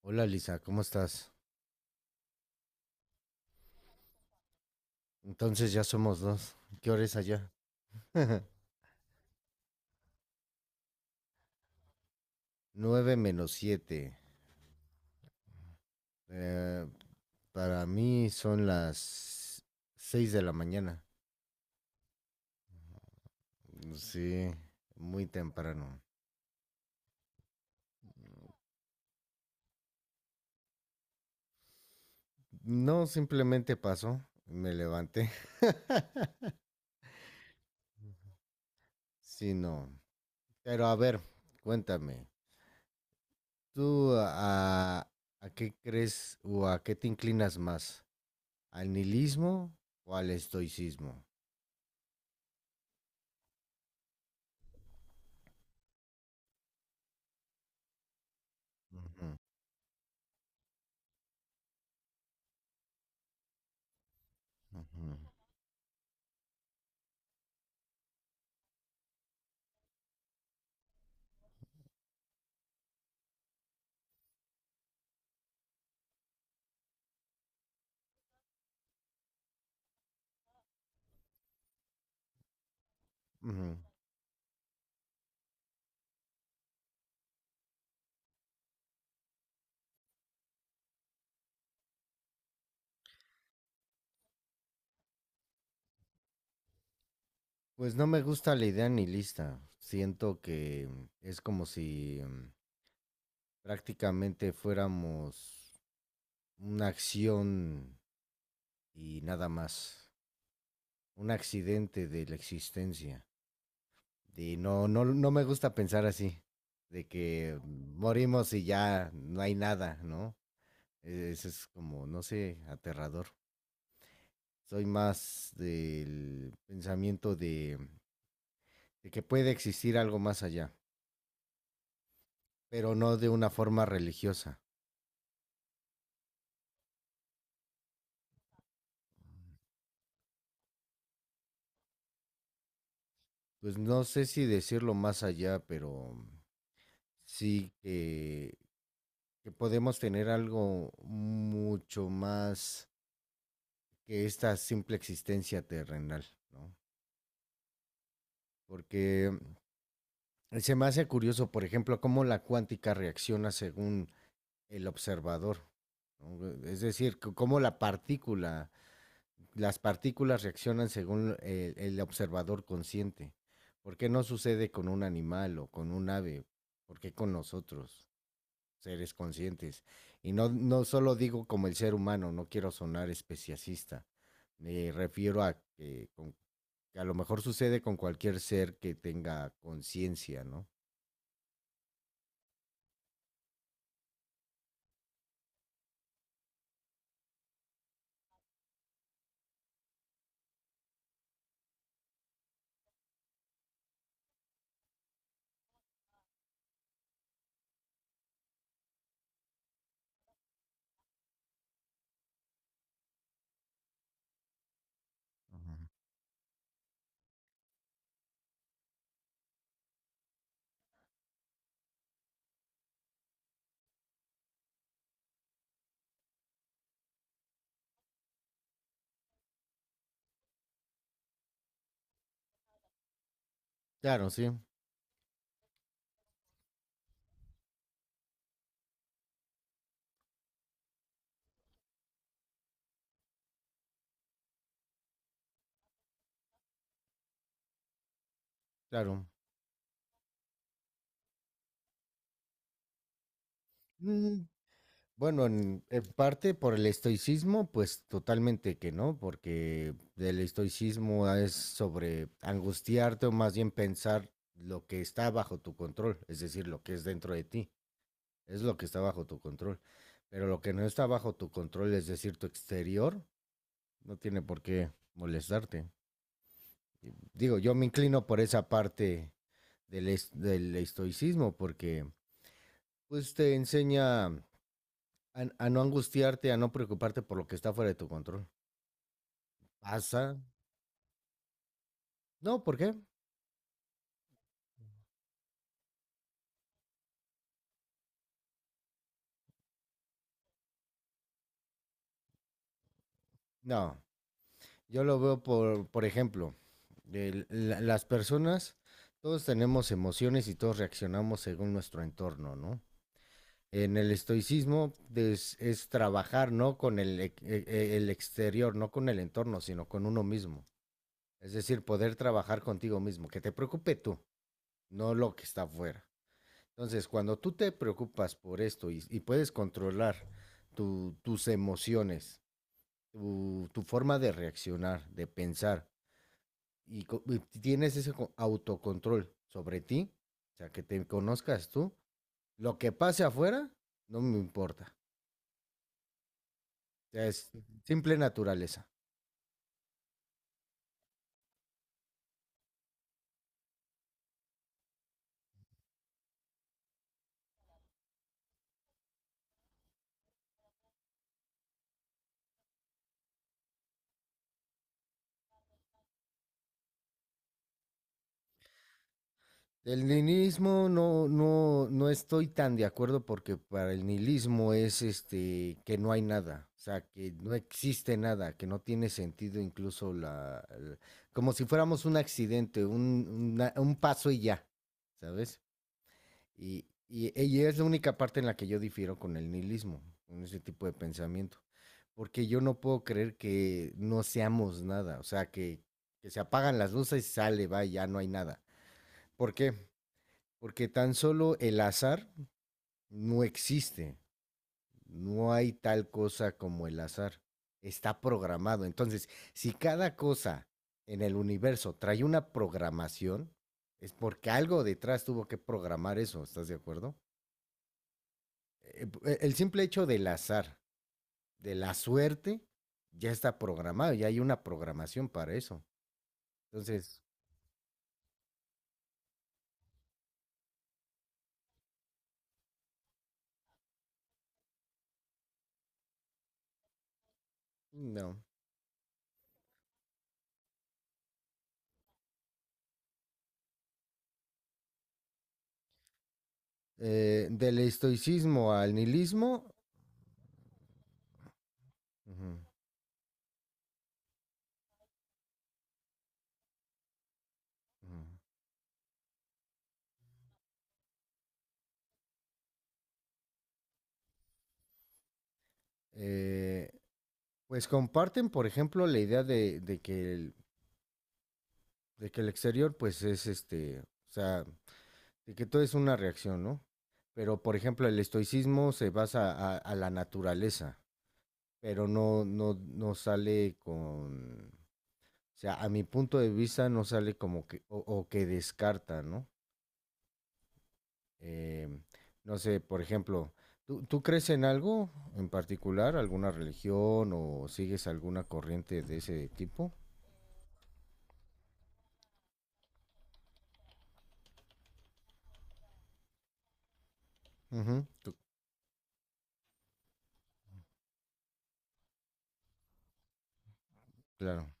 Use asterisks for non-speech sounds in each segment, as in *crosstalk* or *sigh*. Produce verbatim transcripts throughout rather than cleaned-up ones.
Hola Lisa, ¿cómo estás? Entonces ya somos dos. ¿Qué hora es allá? *laughs* Nueve menos siete. para mí son las seis de la mañana. Sí, muy temprano. No, simplemente pasó, me levanté. *laughs* Sí, no. Pero a ver, cuéntame, ¿tú a, a qué crees o a qué te inclinas más? ¿Al nihilismo o al estoicismo? Ujú, ujú, ujú. Pues no me gusta la idea ni lista. Siento que es como si mm, prácticamente fuéramos una acción y nada más. Un accidente de la existencia. Y no, no, no me gusta pensar así. De que morimos y ya no hay nada, ¿no? E- Eso es como, no sé, aterrador. Soy más del pensamiento de, de que puede existir algo más allá, pero no de una forma religiosa. Pues no sé si decirlo más allá, pero sí que, que podemos tener algo mucho más que esta simple existencia terrenal, ¿no? Porque se me hace curioso, por ejemplo, cómo la cuántica reacciona según el observador. ¿No? Es decir, c- cómo la partícula, las partículas reaccionan según el, el observador consciente. ¿Por qué no sucede con un animal o con un ave? ¿Por qué con nosotros, seres conscientes? Y no, no solo digo como el ser humano, no quiero sonar especiacista. Me refiero a que, con- que a lo mejor sucede con cualquier ser que tenga conciencia, ¿no? Ujú. Claro, sí, claro. Mm, Bueno, en, en parte por el estoicismo, pues totalmente que no, porque el estoicismo es sobre angustiarte o más bien pensar lo que está bajo tu control, es decir, lo que es dentro de ti. Es lo que está bajo tu control. Pero lo que no está bajo tu control, es decir, tu exterior, no tiene por qué molestarte. Digo, yo me inclino por esa parte del, est del estoicismo, porque pues te enseña a, a, no angustiarte, a no preocuparte por lo que está fuera de tu control. ¿Pasa? No, ¿por qué? No. Yo lo veo por, por ejemplo, el, la, las personas, todos tenemos emociones y todos reaccionamos según nuestro entorno, ¿no? En el estoicismo es, es trabajar no con el, e- e- el exterior, no con el entorno, sino con uno mismo. Es decir, poder trabajar contigo mismo, que te preocupe tú, no lo que está afuera. Entonces, cuando tú te preocupas por esto y, y puedes controlar tu- tus emociones, tu, tu forma de reaccionar, de pensar, y, co- y tienes ese co- autocontrol sobre ti, o sea, que te conozcas tú, lo que pase afuera no me importa. Sea, es simple naturaleza. El nihilismo no, no, no estoy tan de acuerdo porque para el nihilismo es este que no hay nada, o sea, que no existe nada, que no tiene sentido incluso la, la- como si fuéramos un accidente, un, una- un paso y ya, ¿sabes? Y, y, y es la única parte en la que yo difiero con el nihilismo, con ese tipo de pensamiento. Porque yo no puedo creer que no seamos nada, o sea, que, que se apagan las luces y sale, va, y ya no hay nada. ¿Por qué? Porque tan solo el azar no existe, no hay tal cosa como el azar, está programado. Entonces, si cada cosa en el universo trae una programación, es porque algo detrás tuvo que programar eso, ¿estás de acuerdo? eh, el simple hecho del azar, de la suerte, ya está programado, ya hay una programación para eso. Entonces, no. Eh, del estoicismo al nihilismo, uh -huh, uh -huh. Eh, pues comparten, por ejemplo, la idea de, de, que el, de que el exterior, pues es este, o sea, de que todo es una reacción, ¿no? Pero, por ejemplo, el estoicismo se basa a, a la naturaleza, pero no, no, no sale con. O sea, a mi punto de vista no sale como que, o, o que descarta, ¿no? Em, no sé, por ejemplo, ¿tú, tú crees en algo en particular, alguna religión o sigues alguna corriente de ese tipo? Ujú, claro,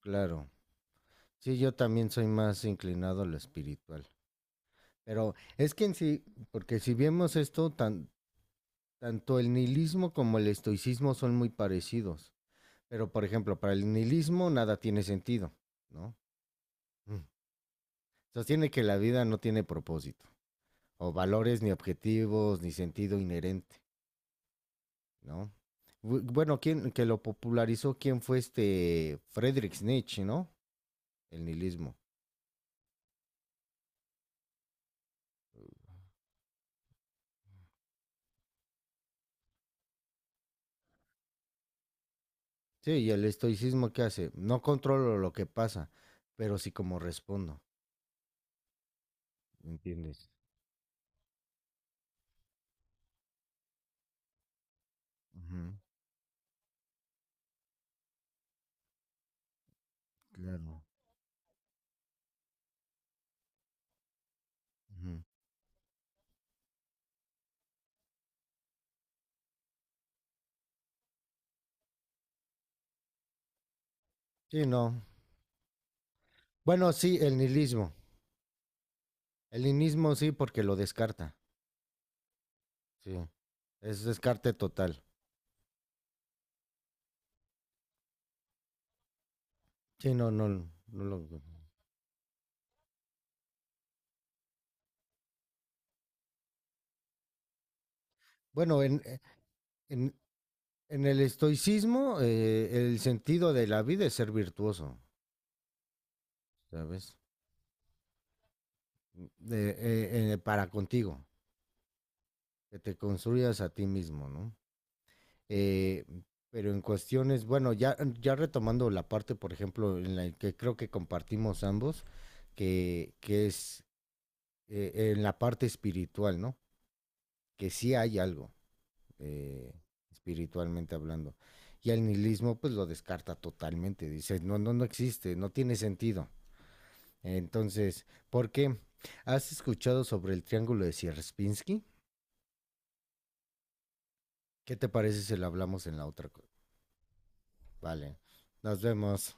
claro. Sí, yo también soy más inclinado a lo espiritual. Pero es que en sí, porque si vemos esto, tan, tanto el nihilismo como el estoicismo son muy parecidos. Pero, por ejemplo, para el nihilismo nada tiene sentido, ¿no? *laughs* Sostiene que la vida no tiene propósito, o valores, ni objetivos, ni sentido inherente, ¿no? Bu- Bueno, quien que lo popularizó, quién fue este Friedrich Nietzsche, ¿no? El nihilismo. Sí, y el estoicismo qué hace, no controlo lo que pasa, pero sí como respondo, ¿entiendes? Ujú, claro. Ujú. Sí, no. Bueno, sí, el nihilismo. El nihilismo sí, porque lo descarta. Sí. Es descarte total. Sí, no, no, no lo. Bueno, en, eh, en, En el estoicismo, eh, el sentido de la vida es ser virtuoso, ¿sabes? Mm, De- eh, eh, para contigo, que te construyas a ti mismo, ¿no? Eh, pero en cuestiones, bueno, ya, ya retomando la parte, por ejemplo, en la que creo que compartimos ambos, que, que es eh, en la parte espiritual, ¿no? Que sí hay algo, eh, espiritualmente hablando. Y el nihilismo, pues lo descarta totalmente, dice, no, no, no existe, no tiene sentido. Entonces, ¿por qué? ¿Has escuchado sobre el triángulo de Sierpinski? ¿Qué te parece si lo hablamos en la otra? co- Vale, nos vemos.